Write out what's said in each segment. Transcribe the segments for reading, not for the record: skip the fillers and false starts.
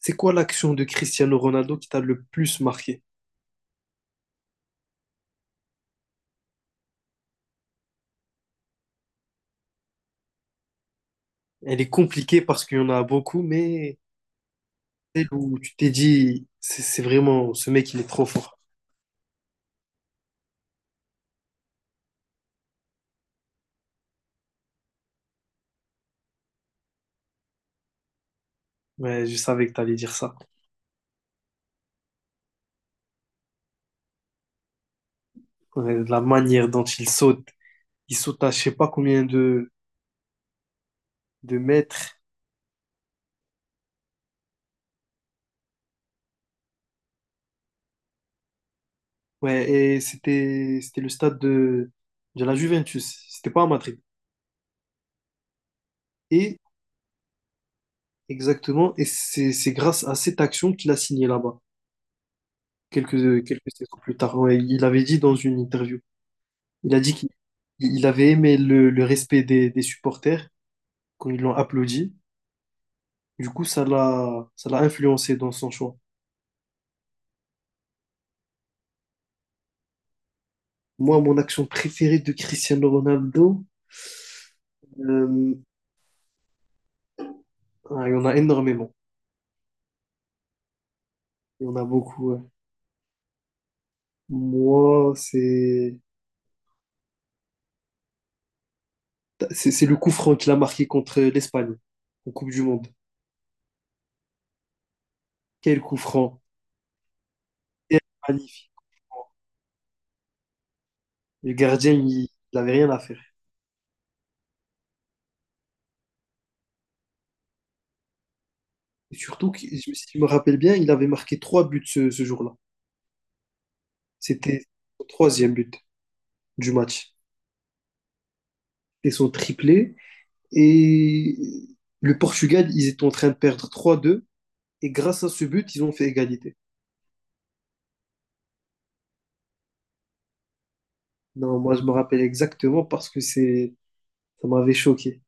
C'est quoi l'action de Cristiano Ronaldo qui t'a le plus marqué? Elle est compliquée parce qu'il y en a beaucoup, mais celle où tu t'es dit, c'est vraiment, ce mec, il est trop fort. Ouais, je savais que t'allais dire ça. Ouais, la manière dont il saute à je sais pas combien de mètres. Ouais, et c'était, c'était le stade de la Juventus. C'était pas à Madrid. Et exactement, et c'est grâce à cette action qu'il a signé là-bas, quelques, quelques saisons plus tard. Ouais, il avait dit dans une interview. Il a dit qu'il il avait aimé le respect des supporters quand ils l'ont applaudi. Du coup, ça l'a influencé dans son choix. Moi, mon action préférée de Cristiano Ronaldo, euh, ah, il y en a énormément. Il y en a beaucoup, ouais. Moi, c'est c'est le coup franc qu'il a marqué contre l'Espagne en Coupe du Monde. Quel coup franc! Quel magnifique coup franc. Le gardien, il n'avait rien à faire. Et surtout, si je me rappelle bien, il avait marqué trois buts ce, ce jour-là. C'était son troisième but du match. Et son triplé. Et le Portugal, ils étaient en train de perdre 3-2. Et grâce à ce but, ils ont fait égalité. Non, moi, je me rappelle exactement parce que c'est, ça m'avait choqué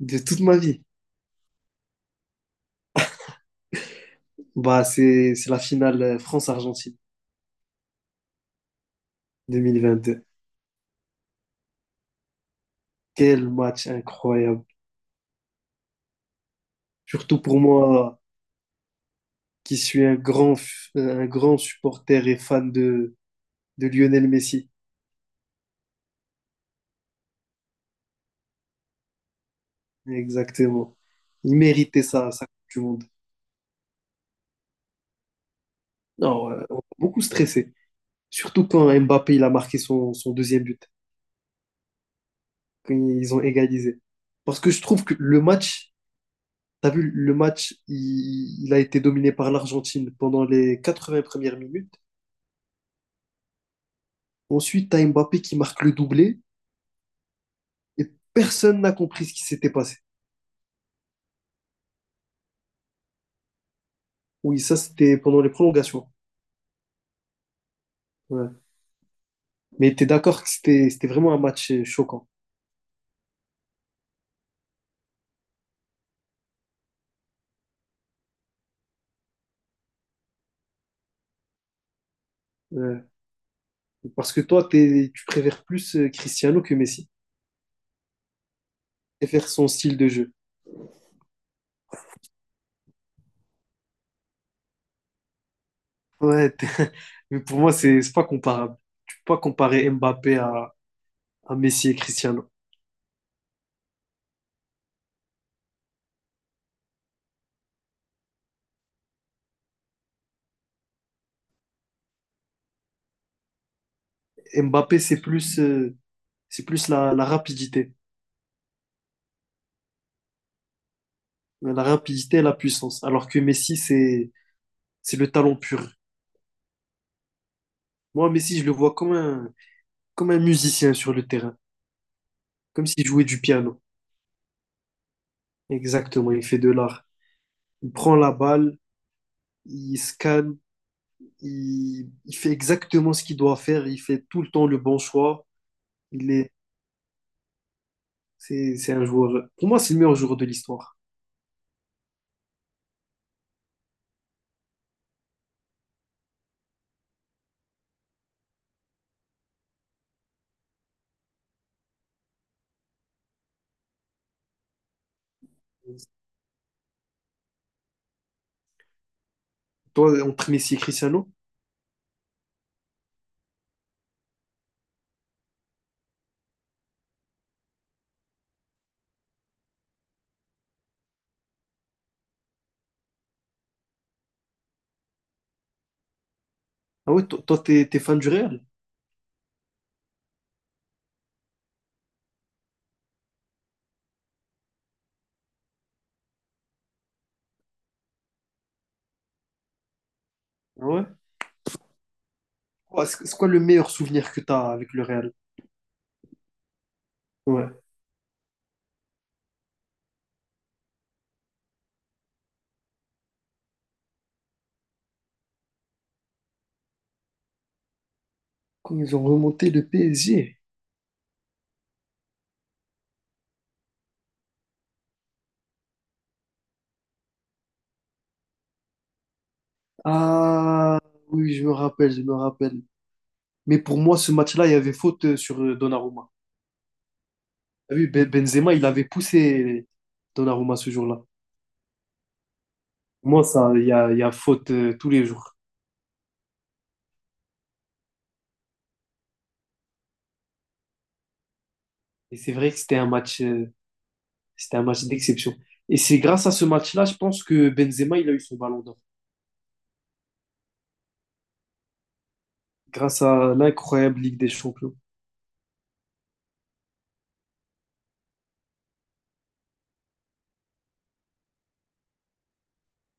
de toute ma vie. Bah, c'est la finale France-Argentine 2022. Quel match incroyable. Surtout pour moi, qui suis un grand, un grand supporter et fan de Lionel Messi. Exactement. Il méritait ça, ça Coupe du Monde. Non, on a beaucoup stressé. Surtout quand Mbappé il a marqué son, son deuxième but, quand ils ont égalisé. Parce que je trouve que le match, t'as vu, le match, il a été dominé par l'Argentine pendant les 80 premières minutes. Ensuite, t'as Mbappé qui marque le doublé et personne n'a compris ce qui s'était passé. Oui, ça, c'était pendant les prolongations. Ouais. Mais t'es d'accord que c'était, c'était vraiment un match choquant. Ouais. Parce que toi, tu préfères plus Cristiano que Messi et faire son style de jeu. Ouais, t'es- mais pour moi, c'est pas comparable. Tu peux pas comparer Mbappé à Messi et Cristiano. Mbappé, c'est plus la, la rapidité. La rapidité et la puissance. Alors que Messi, c'est le talent pur. Moi, Messi, je le vois comme un musicien sur le terrain. Comme s'il jouait du piano. Exactement, il fait de l'art. Il prend la balle, il scanne, il fait exactement ce qu'il doit faire, il fait tout le temps le bon choix. Il est, c'est un joueur. Pour moi, c'est le meilleur joueur de l'histoire. Toi, entre Messi et Cristiano, ah ouais, toi, toi, t'es, t'es fan du Real? Ah, ouais. Quoi, c'est quoi le meilleur souvenir que t'as avec le Real? Ouais. Quand ils ont remonté le PSG. Ah, oui, je me rappelle, je me rappelle. Mais pour moi, ce match-là, il y avait faute sur Donnarumma. T'as vu, Benzema, il avait poussé Donnarumma ce jour-là. Pour moi, ça, il y a faute tous les jours. Et c'est vrai que c'était un match d'exception. Et c'est grâce à ce match-là, je pense que Benzema, il a eu son ballon d'or. Grâce à l'incroyable Ligue des Champions.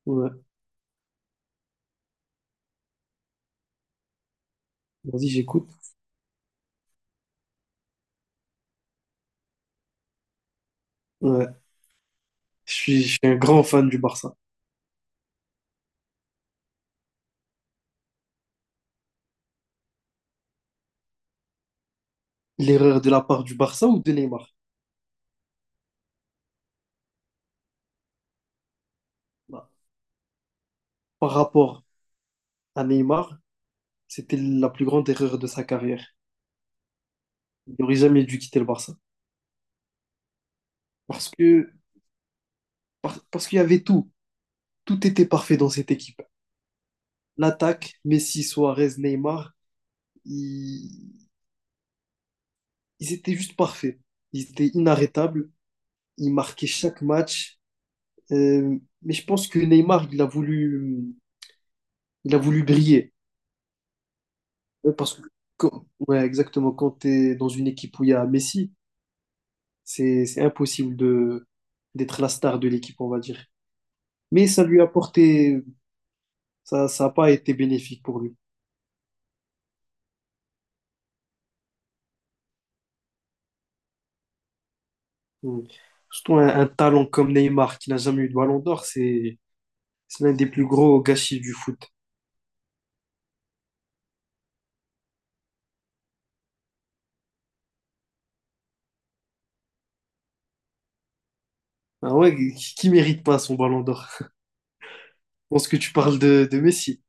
Ouais. Vas-y, j'écoute. Ouais. Je suis un grand fan du Barça. L'erreur de la part du Barça ou de Neymar? Bah, par rapport à Neymar, c'était la plus grande erreur de sa carrière. Il n'aurait jamais dû quitter le Barça. Parce que, parce qu'il y avait tout. Tout était parfait dans cette équipe. L'attaque, Messi, Suarez, Neymar, ils, ils étaient juste parfaits. Ils étaient inarrêtables. Ils marquaient chaque match. Mais je pense que Neymar, il a voulu briller. Ouais, parce que, ouais, exactement, quand tu es dans une équipe où il y a Messi, c'est impossible de, d'être la star de l'équipe, on va dire. Mais ça lui a apporté, ça n'a pas été bénéfique pour lui. Mm. Surtout un talent comme Neymar, qui n'a jamais eu de ballon d'or, c'est l'un des plus gros gâchis du foot. Ah ouais, qui mérite pas son ballon d'or? Je pense que tu parles de Messi.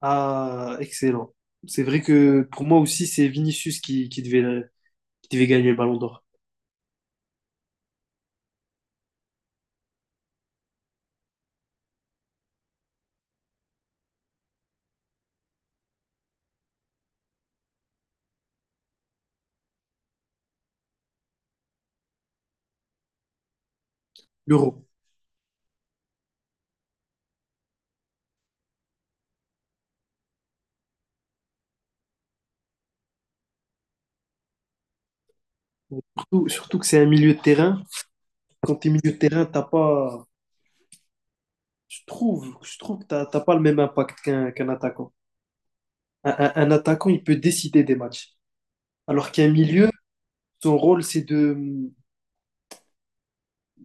Ah, excellent. C'est vrai que pour moi aussi, c'est Vinicius qui devait gagner le ballon d'or. L'Euro. Surtout, surtout que c'est un milieu de terrain. Quand tu es milieu de terrain, t'as pas, je trouve que t'as pas le même impact qu'un attaquant. Un, un attaquant, il peut décider des matchs. Alors qu'un milieu, son rôle, c'est de,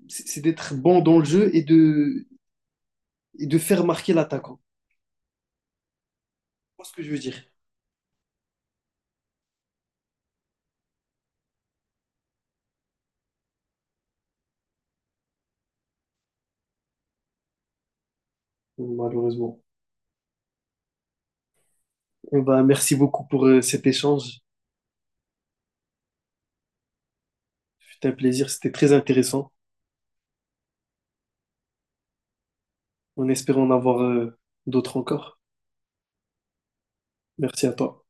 c'est d'être bon dans le jeu et de faire marquer l'attaquant. Tu vois ce que je veux dire, malheureusement. Eh ben, merci beaucoup pour cet échange. C'était un plaisir, c'était très intéressant. On espère en avoir d'autres encore. Merci à toi.